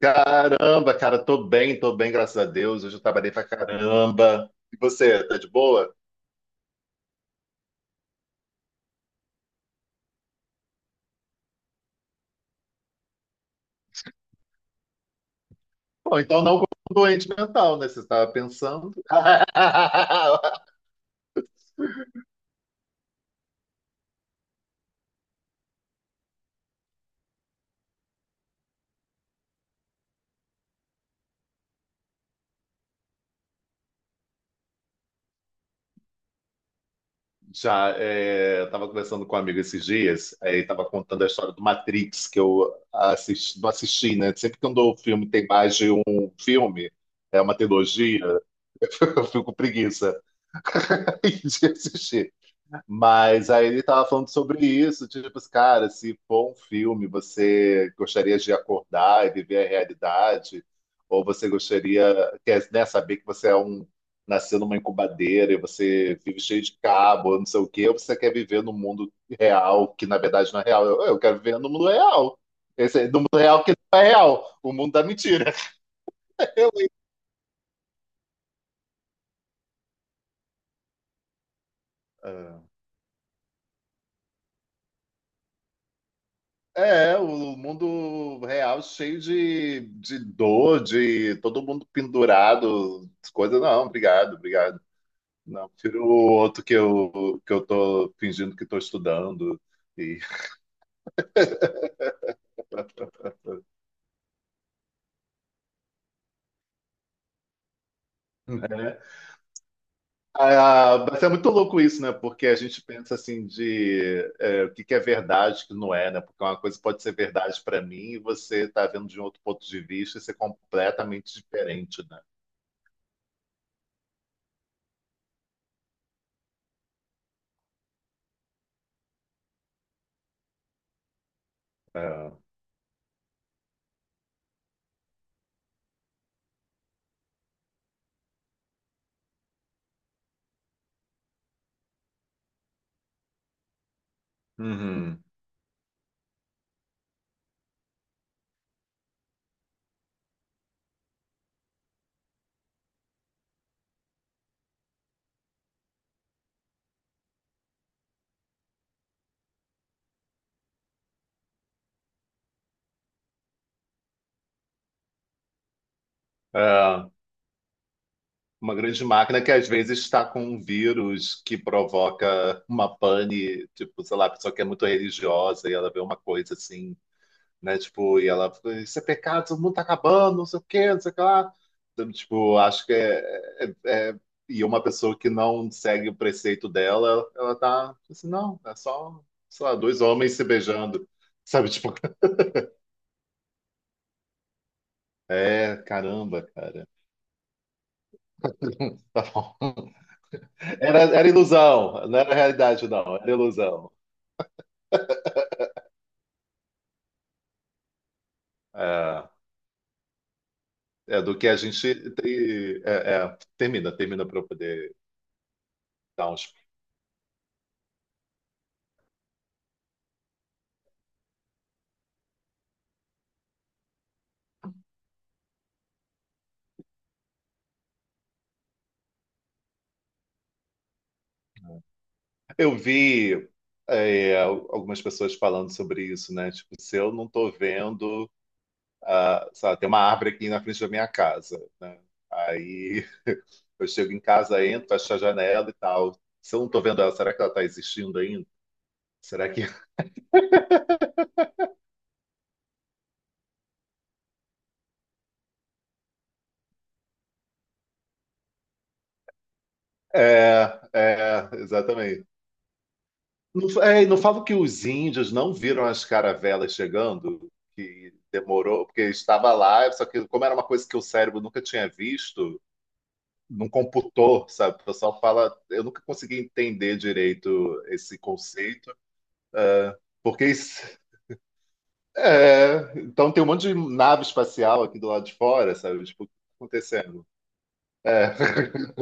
Caramba, cara, tô bem, graças a Deus. Hoje eu trabalhei pra caramba. E você, tá de boa? Bom, então não como doente mental, né? Você estava pensando. Já, é, eu tava conversando com um amigo esses dias, aí tava contando a história do Matrix, que eu assisti, não assisti, né? Sempre que um o filme tem mais de um filme, é uma trilogia, eu fico com preguiça de assistir. Mas aí ele tava falando sobre isso, tipo, assim, cara, se for um filme, você gostaria de acordar e viver a realidade? Ou você gostaria, quer, né, saber que você é um, nasceu numa incubadeira e você vive cheio de cabo, não sei o quê, ou você quer viver no mundo real, que na verdade não é real? Eu quero viver no mundo real. Esse, no mundo real que não é real, o mundo da mentira. Eu, É. É, o mundo real cheio de dor, de todo mundo pendurado, coisa. Não, obrigado, obrigado. Não, prefiro o outro que eu tô fingindo que estou estudando. E, né? Ah, ah, mas é muito louco isso, né? Porque a gente pensa assim de é, o que que é verdade, o que não é, né? Porque uma coisa pode ser verdade para mim e você tá vendo de um outro ponto de vista e ser completamente diferente, né? É. Uhum. É. Uma grande máquina que às vezes está com um vírus que provoca uma pane, tipo, sei lá, a pessoa que é muito religiosa e ela vê uma coisa assim, né? Tipo, e ela, isso é pecado, o mundo tá acabando, não sei o quê, não sei o que lá. Então, tipo, acho que é, é- é- e uma pessoa que não segue o preceito dela, ela tá assim, não, é só, sei lá, dois homens se beijando. Sabe, tipo, é, caramba, cara. Tá bom. Era, era ilusão, não era realidade, não, era ilusão. É. É, do que a gente tem. É, é, termina, termina para eu poder dar uns. Eu vi é, algumas pessoas falando sobre isso, né? Tipo, se eu não estou vendo, ah, sabe, tem uma árvore aqui na frente da minha casa, né? Aí eu chego em casa, entro, fecho a janela e tal. Se eu não estou vendo ela, será que ela está existindo ainda? Será que. É, é, exatamente. Não, é, e não falo que os índios não viram as caravelas chegando, que demorou, porque estava lá, só que como era uma coisa que o cérebro nunca tinha visto, não computou, sabe? O pessoal fala, eu nunca consegui entender direito esse conceito, é, porque isso, é, então tem um monte de nave espacial aqui do lado de fora, sabe? Tipo, o que tá acontecendo? É.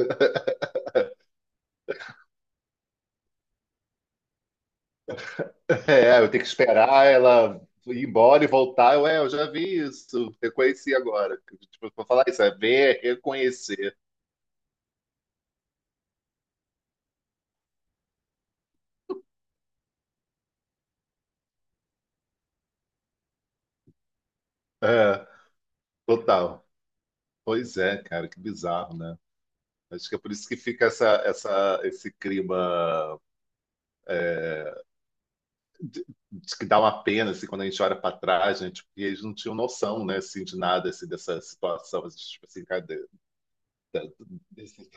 É, eu tenho que esperar ela ir embora e voltar. Eu, é, eu já vi isso, reconheci agora. Tipo, pra falar isso, é ver, é reconhecer. É, total. Pois é, cara, que bizarro, né? Acho que é por isso que fica essa, essa, esse clima de, de que dá uma pena, assim, quando a gente olha para trás, gente, porque eles não tinham noção, né, assim, de nada, assim, dessa situação, assim, tipo assim, cara, de- desse-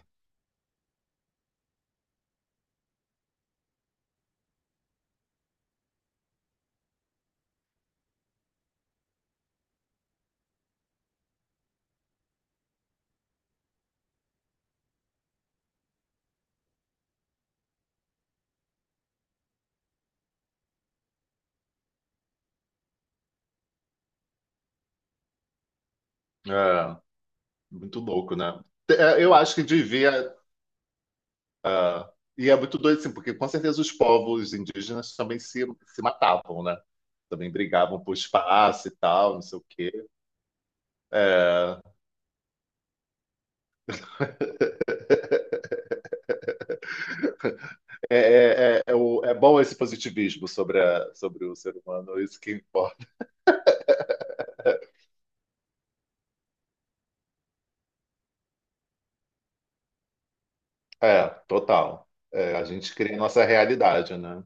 é, muito louco, né? É, eu acho que devia. Ah, e é muito doido, assim, porque com certeza os povos indígenas também se matavam, né? Também brigavam por espaço e tal, não sei o quê. É, é, é, é, é é bom esse positivismo sobre, sobre o ser humano, é isso que importa. É, total. É, a gente cria a nossa realidade, né?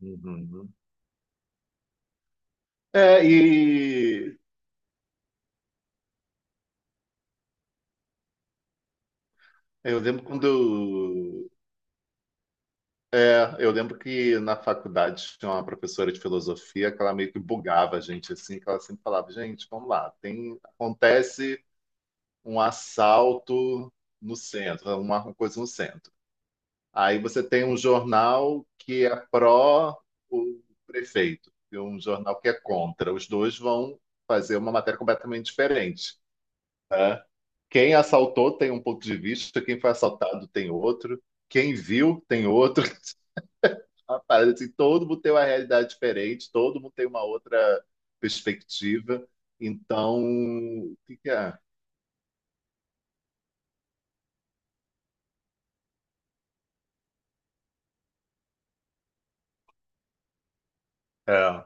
Uhum. É, e eu lembro quando É, eu lembro que na faculdade tinha uma professora de filosofia que ela meio que bugava a gente assim, que ela sempre falava, gente, vamos lá, tem acontece um assalto no centro, uma coisa no centro. Aí você tem um jornal que é pró o prefeito e um jornal que é contra. Os dois vão fazer uma matéria completamente diferente, né? Quem assaltou tem um ponto de vista, quem foi assaltado tem outro, quem viu tem outro uma parada assim, todo mundo tem uma realidade diferente, todo mundo tem uma outra perspectiva. Então, o que que é? É.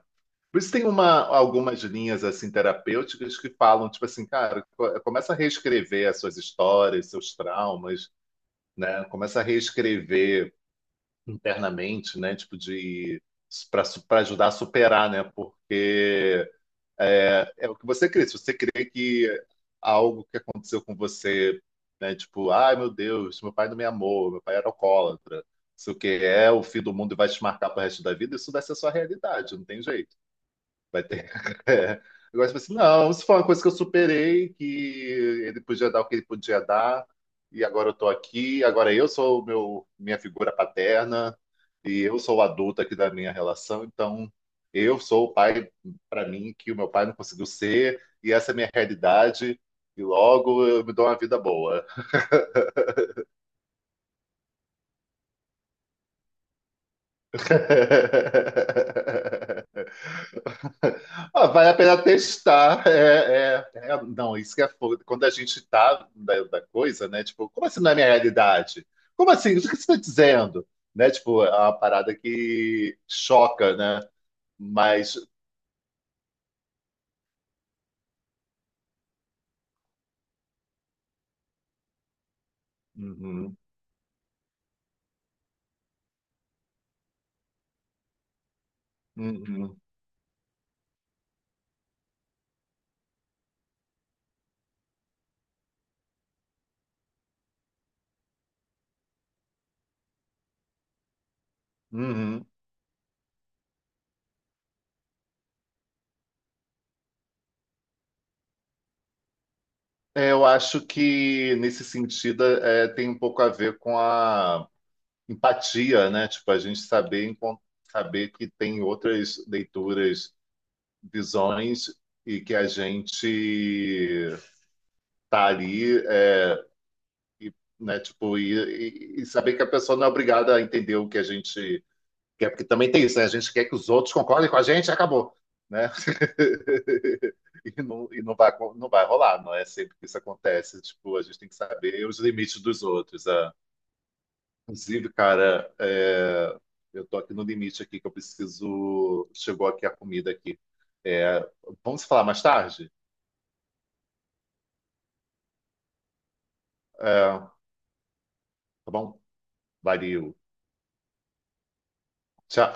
Por isso tem uma, algumas linhas assim terapêuticas que falam, tipo assim, cara, começa a reescrever as suas histórias, seus traumas, né? Começa a reescrever internamente, né? Tipo de para ajudar a superar, né? Porque é, é o que você crê. Se você crê que algo que aconteceu com você, né, tipo, ai meu Deus, meu pai não me amou, meu pai era alcoólatra, isso que é o fim do mundo e vai te marcar pro resto da vida, isso deve ser a sua realidade, não tem jeito. Vai ter. É. Agora, tipo assim, não, isso foi uma coisa que eu superei, que ele podia dar o que ele podia dar, e agora eu tô aqui, agora eu sou o meu, minha figura paterna, e eu sou o adulto aqui da minha relação, então eu sou o pai para mim que o meu pai não conseguiu ser, e essa é a minha realidade, e logo eu me dou uma vida boa. Ah, vale a pena testar. É, é, é, não, isso que é foda. Quando a gente tá da, da coisa, né? Tipo, como assim não é minha realidade? Como assim? O que você está dizendo? Né? Tipo, é uma parada que choca, né? Mas. Uhum, uhum, uhum. É, eu acho que nesse sentido é, tem um pouco a ver com a empatia, né? Tipo, a gente saber, saber que tem outras leituras visões e que a gente tá ali, é, e, né? Tipo, e, e saber que a pessoa não é obrigada a entender o que a gente quer, porque também tem isso, né? A gente quer que os outros concordem com a gente, acabou, né? E não vai, não vai rolar, não é sempre que isso acontece. Tipo, a gente tem que saber os limites dos outros. Ah. Inclusive, cara, é, eu tô aqui no limite aqui que eu preciso. Chegou aqui a comida aqui. É, vamos falar mais tarde? É, tá bom? Valeu. Tchau.